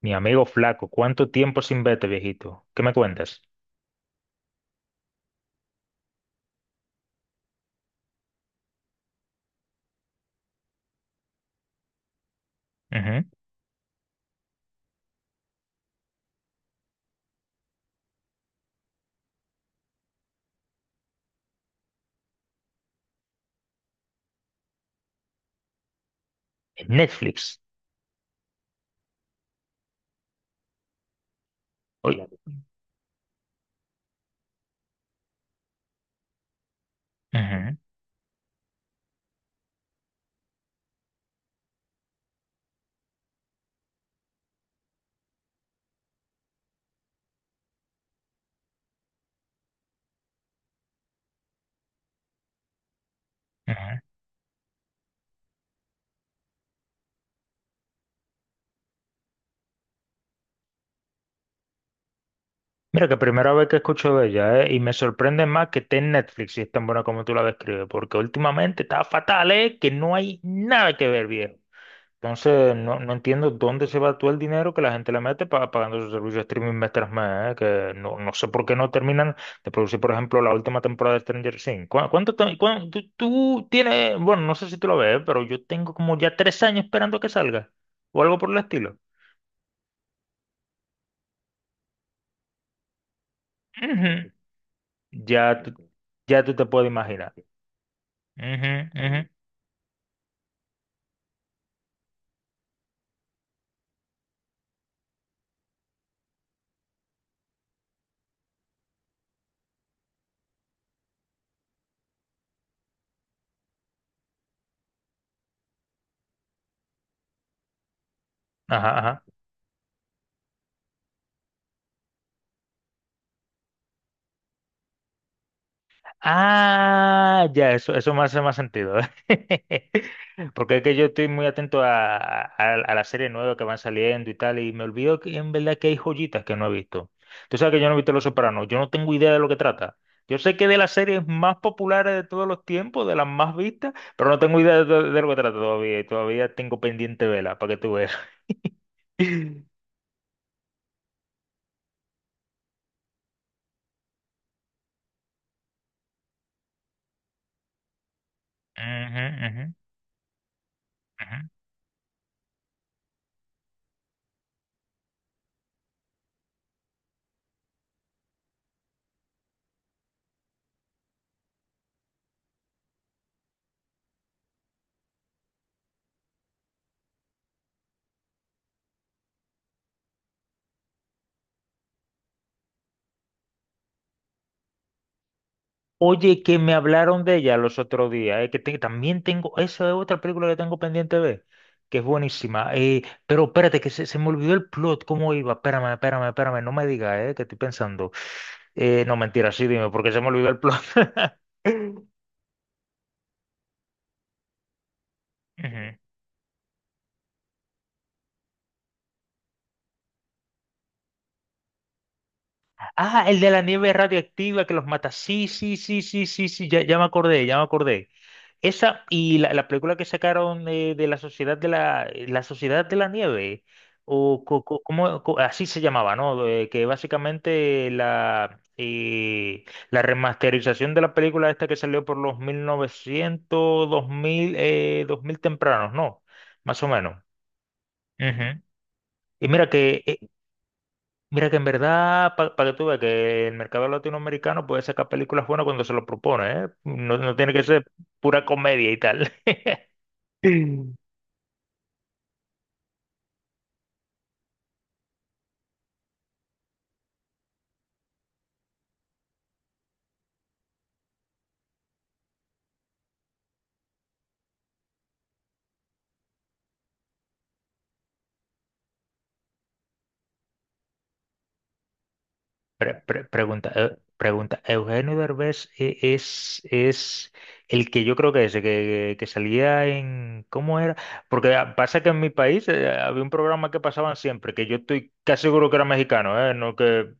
Mi amigo flaco, ¿cuánto tiempo sin verte, viejito? ¿Qué me cuentas? Ujú. En Netflix. Oye. Ujú, ujú. Mira, que primera vez que escucho de ella, ¿eh? Y me sorprende más que esté en Netflix y es tan buena como tú la describes, porque últimamente está fatal, ¿eh? Que no hay nada que ver. Entonces, no entiendo dónde se va todo el dinero que la gente le mete para pagando su servicio de streaming mes tras mes, ¿eh? Que no sé por qué no terminan de producir, por ejemplo, la última temporada de Stranger Things. ¿Cuá- ¿Cuánto, te- cuán- tú tienes, bueno, no sé si tú lo ves, pero yo tengo como ya tres años esperando que salga o algo por el estilo. Ujú. Ya, tú- ya tú te puedes imaginar. Ujú, ujú. Ajá. Ah, ya, eso me hace más sentido. Porque es que yo estoy muy atento a las series nuevas que van saliendo y tal, y me olvido que en verdad que hay joyitas que no he visto. Tú sabes que yo no he visto Los Sopranos, yo no tengo idea de lo que trata. Yo sé que de las series más populares de todos los tiempos, de las más vistas, pero no tengo idea de lo que trata todavía, y todavía tengo pendiente vela, para que tú veas. Ujú, ujú, ujú. Oye, que me hablaron de ella los otros días, también tengo, esa es otra película que tengo pendiente de ver, que es buenísima. Pero espérate, que se me olvidó el plot, cómo iba. Espérame, espérame, espérame, no me digas, que estoy pensando. No, mentira, sí, dime, porque se me olvidó el plot. Ujú. Ah, el de la nieve radioactiva que los mata. Sí, sí, sí, sí, sí, sí, ya, ya me acordé, ya me acordé. Esa y la película que sacaron de la Sociedad de la, la Sociedad de la Nieve, o co- co- como, co- así se llamaba, ¿no? Que básicamente la remasterización de la película esta que salió por los mil novecientos dos mil 2000 tempranos, ¿no? Más o menos. Ujú. Y mira que en verdad, para que tú veas que el mercado latinoamericano puede sacar películas buenas cuando se lo propone, ¿eh? No, no tiene que ser pura comedia y tal. Pregunta, Eugenio Derbez es el que yo creo que es, el que salía en, ¿cómo era? Porque ah, pasa que en mi país había un programa que pasaban siempre, que yo estoy casi seguro que era mexicano, ¿eh? No, que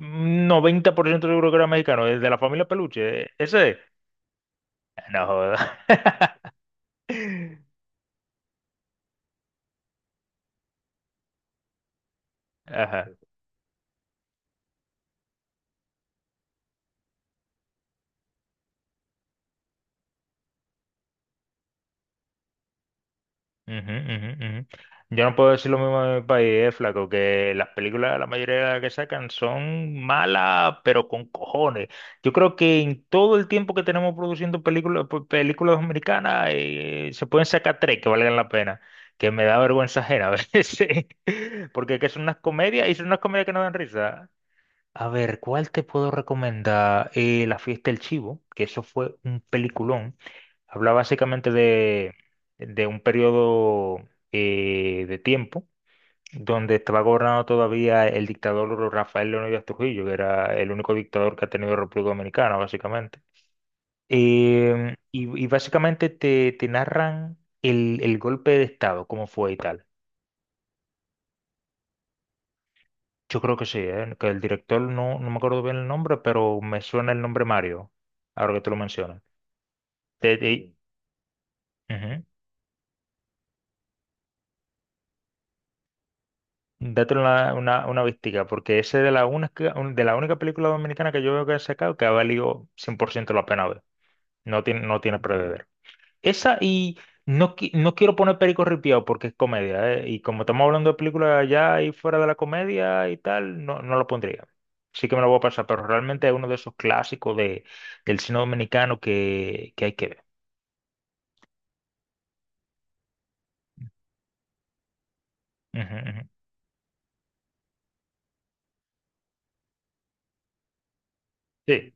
un 90% seguro que era mexicano, el de la familia Peluche, ¿eh? Ese es. No joda. Ajá. Ujú, ujú, ujú. Yo no puedo decir lo mismo de mi país, flaco, que las películas, la mayoría de las que sacan son malas, pero con cojones. Yo creo que en todo el tiempo que tenemos produciendo películas, películas americanas, se pueden sacar tres que valgan la pena, que me da vergüenza ajena a veces, porque es que son unas comedias y son unas comedias que no dan risa. A ver, ¿cuál te puedo recomendar? La fiesta del chivo, que eso fue un peliculón. Habla básicamente de un periodo de tiempo donde estaba gobernado todavía el dictador Rafael Leónidas Trujillo, que era el único dictador que ha tenido República Dominicana, básicamente. Em, y básicamente te narran el golpe de Estado, cómo fue y tal. Yo creo que sí, ¿eh? Que el director no me acuerdo bien el nombre, pero me suena el nombre Mario, ahora que te lo mencionas. Te- te- Ujú. Date una vistica, porque ese es de la única, de la única película dominicana que yo veo que han sacado que ha valido 100% la pena ver. No tiene, no tiene predeber. Esa y no, no quiero poner Perico Ripiao porque es comedia, ¿eh? Y como estamos hablando de películas allá y fuera de la comedia y tal, no lo pondría. Sí que me lo voy a pasar, pero realmente es uno de esos clásicos de, del cine dominicano que hay que ver. Ujú, ujú. Sí.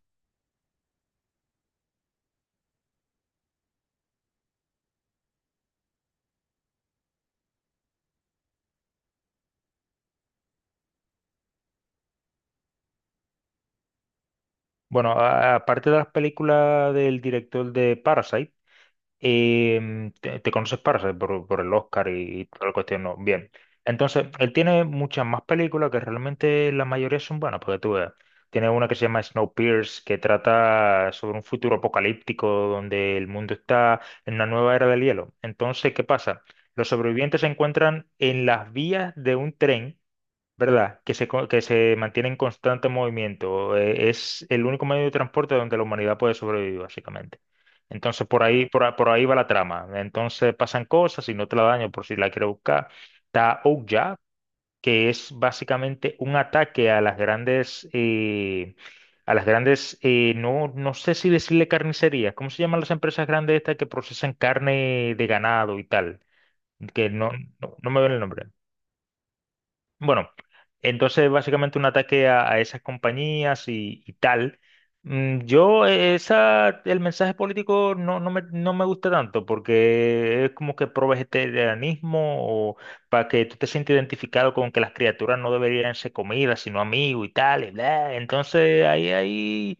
Bueno, aparte de las películas del director de Parasite, y te conoces Parasite por el Oscar y, toda la cuestión, ¿no? Bien. Entonces, él tiene muchas más películas que realmente la mayoría son buenas, porque tú veas. Tiene una que se llama Snowpiercer, que trata sobre un futuro apocalíptico donde el mundo está en una nueva era del hielo. Entonces, ¿qué pasa? Los sobrevivientes se encuentran en las vías de un tren, ¿verdad? Que que se mantiene en constante movimiento. Es el único medio de transporte donde la humanidad puede sobrevivir, básicamente. Entonces, por ahí, por ahí va la trama. Entonces, pasan cosas y no te la daño por si la quieres buscar. Está Ouya, que es básicamente un ataque a las grandes, no, no sé si decirle carnicerías. ¿Cómo se llaman las empresas grandes estas que procesan carne de ganado y tal? Que no me ven el nombre. Bueno, entonces básicamente un ataque a esas compañías y tal. Esa, el mensaje político no me gusta tanto porque es como que pro vegetarianismo o para que tú te sientas identificado con que las criaturas no deberían ser comida, sino amigos y tal, y bla. Entonces ahí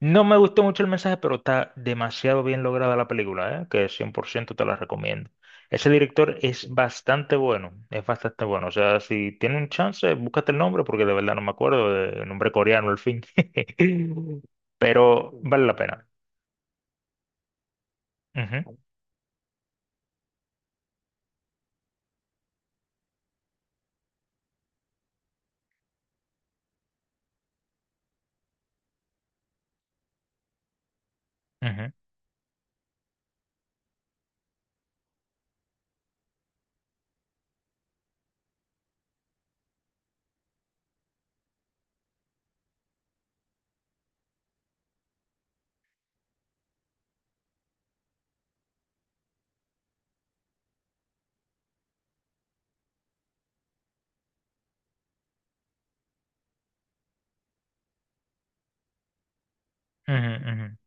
no me gustó mucho el mensaje, pero está demasiado bien lograda la película, ¿eh? Que 100% te la recomiendo. Ese director es bastante bueno, es bastante bueno. O sea, si tiene un chance, búscate el nombre, porque de verdad no me acuerdo del nombre coreano, al fin. Pero vale la pena. Ujú, ujú, ujú, ujú.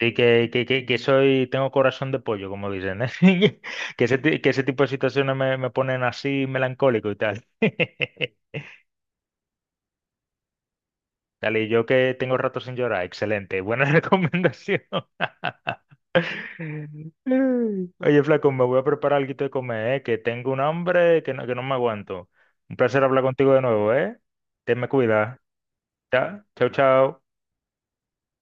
Sí, que soy, tengo corazón de pollo, como dicen, ¿eh? Que ese tipo de situaciones me ponen así melancólico y tal. Dale, y yo que tengo rato sin llorar, excelente, buena recomendación. Ay. Oye, flaco, me voy a preparar algo de comer, que tengo un hambre que que no me aguanto. Un placer hablar contigo de nuevo, ¿eh? Te me cuida. ¿Ya? Chao, chao.